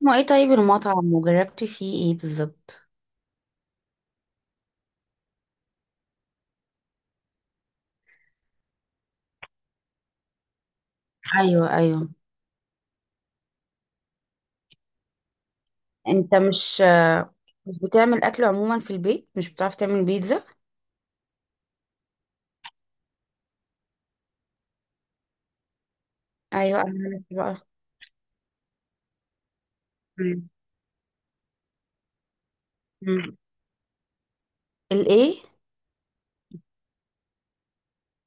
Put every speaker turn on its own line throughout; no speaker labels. ما ايه؟ طيب، المطعم وجربتي فيه ايه بالظبط؟ ايوه، ايوه. انت مش بتعمل اكل عموما في البيت؟ مش بتعرف تعمل بيتزا؟ ايوه انا عرفت بقى. مم. مم. الايه؟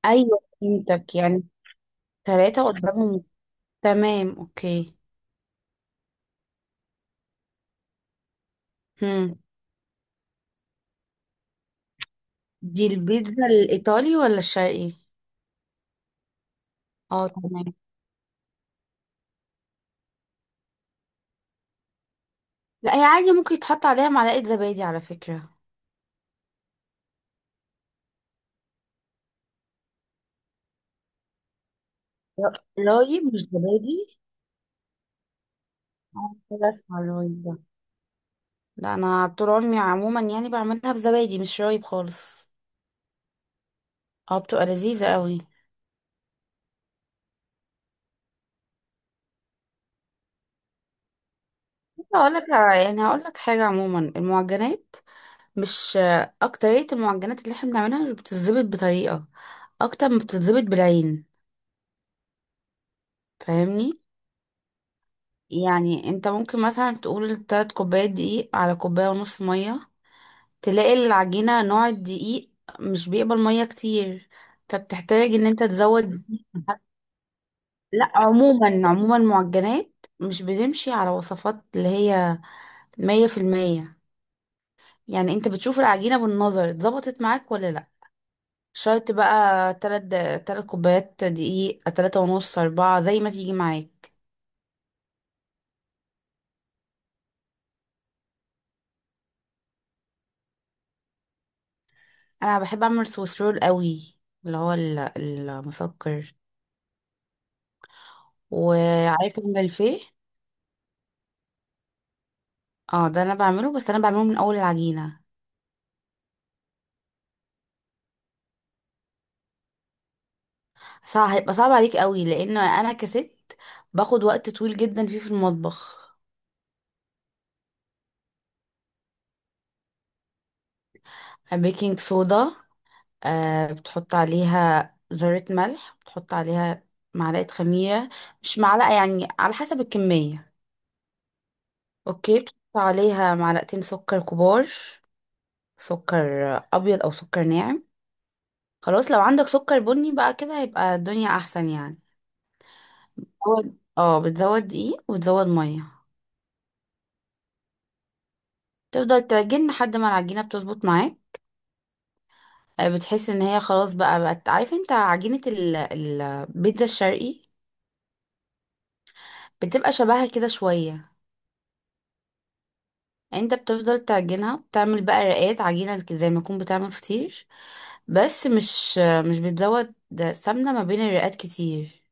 ايوه فهمتك يعني. ثلاثة قدامهم. تمام، اوكي. هم. دي البيتزا الايطالي ولا الشرقي؟ اه تمام. لا، هي عادي، ممكن يتحط عليها معلقة زبادي على فكرة. لا، رايب مش زبادي. اه كده اسمها رايب. لا انا طول عمري عموما يعني بعملها بزبادي مش رايب خالص. اه، بتبقى لذيذة قوي. هقول لك، يعني هقول لك حاجة، عموما المعجنات مش اكترية المعجنات اللي احنا بنعملها مش بتتظبط بطريقة، اكتر ما بتتظبط بالعين. فاهمني؟ يعني انت ممكن مثلا تقول تلات كوبايات دقيق على كوباية ونص مية، تلاقي العجينة، نوع الدقيق مش بيقبل مية كتير، فبتحتاج ان انت تزود. لا عموما عموما، معجنات مش بتمشي على وصفات اللي هي مية في المية. يعني انت بتشوف العجينة بالنظر اتظبطت معاك ولا لا. شرط بقى تلات كوبايات دقيق، تلاتة ونص، أربعة، زي ما تيجي معاك. أنا بحب أعمل سويس رول قوي، اللي هو المسكر، وعارف الملفيه. اه ده أنا بعمله، بس أنا بعمله من أول العجينة. صعب، هيبقى صعب عليك قوي لأن أنا كست، باخد وقت طويل جدا فيه في المطبخ. بيكنج صودا. بتحط عليها ذرة ملح، بتحط عليها معلقة خميرة، مش معلقة يعني، على حسب الكمية. اوكي بتحط عليها معلقتين سكر كبار، سكر أبيض أو سكر ناعم. خلاص لو عندك سكر بني بقى كده هيبقى الدنيا أحسن يعني. أول- اه، بتزود دقيق وتزود مية. تفضل تعجن لحد ما العجينة بتظبط معاك. بتحس ان هي خلاص بقى بقت، عارف انت عجينة البيتزا الشرقي؟ بتبقى شبهها كده شوية. يعني انت بتفضل تعجنها، بتعمل بقى رقات عجينة كده زي ما تكون بتعمل فطير، بس مش بتزود سمنة ما بين الرقات كتير،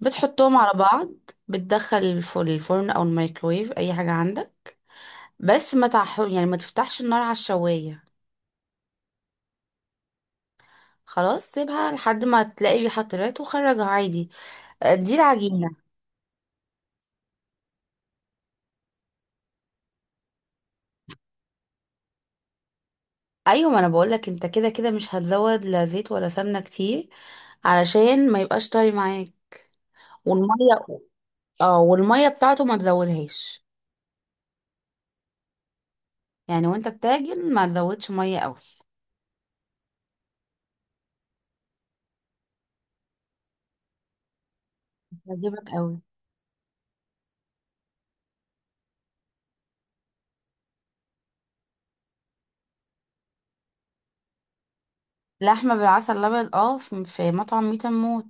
بتحطهم على بعض. بتدخل الفرن او الميكرويف، اي حاجة عندك، بس ما تح... يعني ما تفتحش النار على الشواية. خلاص سيبها لحد ما تلاقي ريحة طلعت وخرجها عادي. اه، دي العجينة. ايوه، ما انا بقولك، انت كده كده مش هتزود لا زيت ولا سمنة كتير علشان ما يبقاش طري معاك. والمية، اه والميه بتاعته ما تزودهاش، يعني وانت بتعجن ما تزودش ميه قوي. هتعجبك قوي. لحمه بالعسل الابيض؟ اه، في مطعم ميت موت.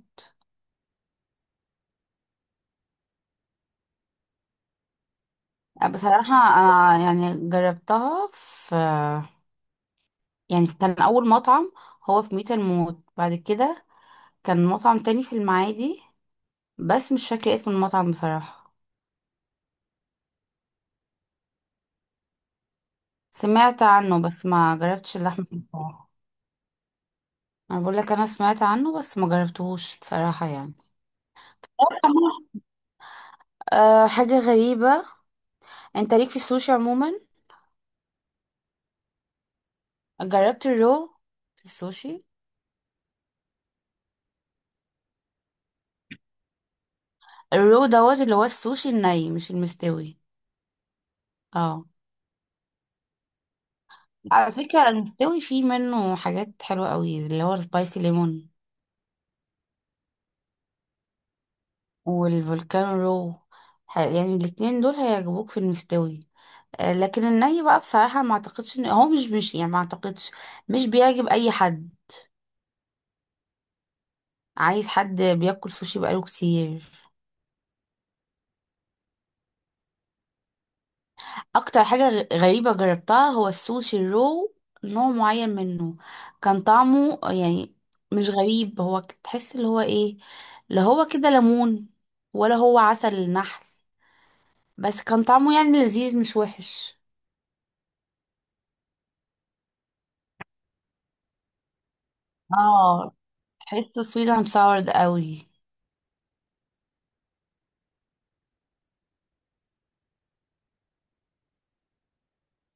بصراحه، انا يعني جربتها في، يعني كان اول مطعم هو في ميت موت. بعد كده كان مطعم تاني في المعادي، بس مش فاكره اسم المطعم بصراحه. سمعت عنه بس ما جربتش اللحمه بتاعه. انا بقول لك، انا سمعت عنه بس ما جربتهوش بصراحه يعني. آه، حاجة غريبة. انت ليك في السوشي عموما؟ جربت الرو في السوشي؟ الرو دوت، اللي هو السوشي الني مش المستوي. اه، على فكرة المستوي فيه منه حاجات حلوة قوي، اللي هو السبايسي ليمون والفولكان رو. يعني الاتنين دول هيعجبوك في المستوي. آه، لكن الني بقى بصراحة ما اعتقدش ان هو، مش يعني، ما اعتقدش. مش بيعجب اي حد. عايز حد بياكل سوشي بقاله كتير. اكتر حاجة غريبة جربتها هو السوشي الرو، نوع معين منه. كان طعمه يعني مش غريب، هو تحس اللي هو ايه؟ لا هو كده ليمون ولا هو عسل النحل، بس كان طعمه يعني لذيذ مش وحش. اه، تحسه سويت اند ساور قوي.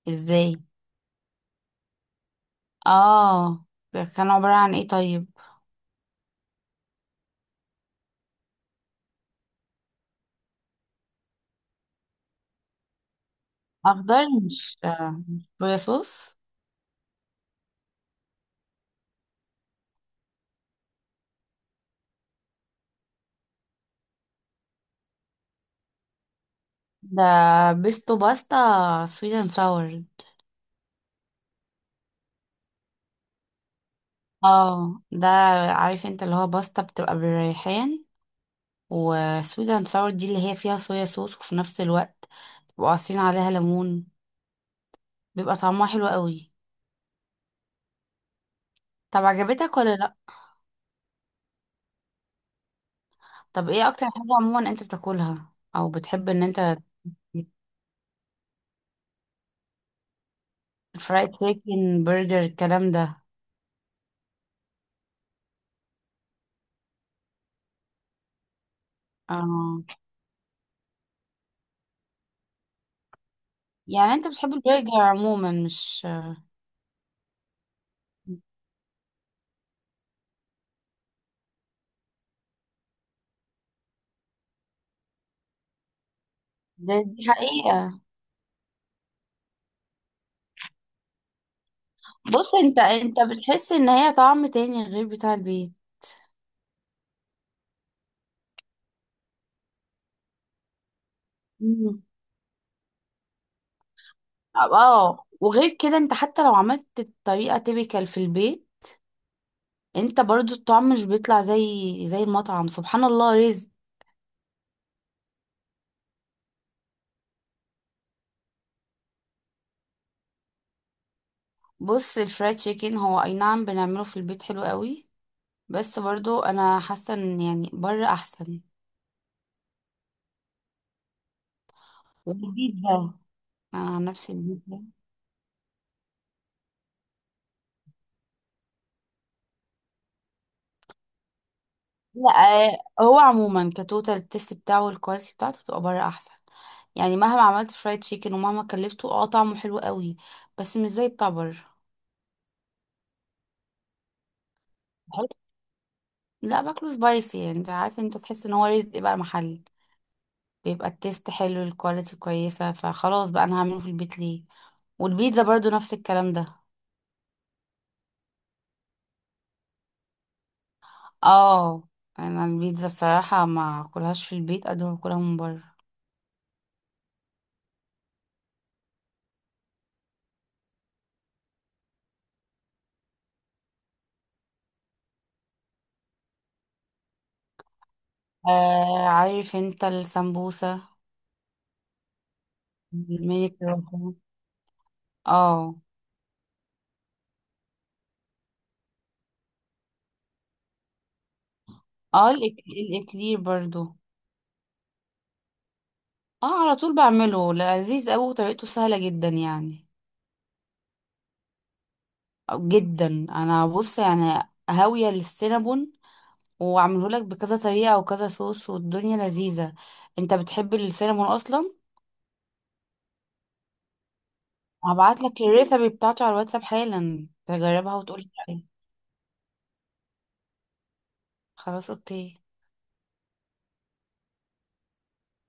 ازاي؟ اه، ده كان عبارة عن ايه طيب؟ اخضر، مش مش صويا صوص؟ ده بيستو باستا سويت اند ساور. اه ده، عارف انت، اللي هو باستا بتبقى بالريحان، وسويت ساور دي اللي هي فيها صويا صوص، وفي نفس الوقت بيبقوا عصرين عليها ليمون، بيبقى طعمها حلو قوي. طب عجبتك ولا لا؟ طب ايه اكتر حاجة عموما انت بتاكلها او بتحب ان انت؟ فرايد تشيكن، برجر، الكلام ده. اه، يعني انت بتحب البرجر عموما، مش؟ ده دي حقيقة. بص، انت بتحس ان هي طعم تاني غير بتاع البيت. اه، وغير كده، انت حتى لو عملت الطريقة تيبيكال في البيت، انت برضو الطعم مش بيطلع زي المطعم. سبحان الله رزق. بص الفرايد تشيكن، هو اي نعم بنعمله في البيت حلو قوي، بس برضو انا حاسة ان يعني بره احسن. والبيتزا. انا عن نفسي البيتزا، لا، آه، هو عموما كتوتال التست بتاعه والكواليتي بتاعته بتبقى بره احسن. يعني مهما عملت فرايد تشيكن ومهما كلفته، اه، طعمه حلو قوي، بس مش زي بتاع بره. لا، باكله سبايسي. يعني انت عارف، انت تحس ان هو رزق بقى محل، بيبقى التيست حلو، الكواليتي كويسة، فخلاص بقى انا هعمله في البيت ليه؟ والبيتزا برضو نفس الكلام ده. اه، انا البيتزا بصراحة ما اكلهاش في البيت قد ما باكلها من بره. آه، عارف انت السمبوسة؟ الميني كروffon. اه. اه الاكلير برضو. اه على طول بعمله لذيذ قوي وطريقته سهلة جدا يعني. جدا انا، بص يعني، هاوية للسينابون، وعملهولك بكذا طريقة وكذا صوص والدنيا لذيذة. انت بتحب السينامون اصلا؟ هبعتلك الريسبي بتاعته على الواتساب حالا تجربها وتقولي رأيك. خلاص، اوكي.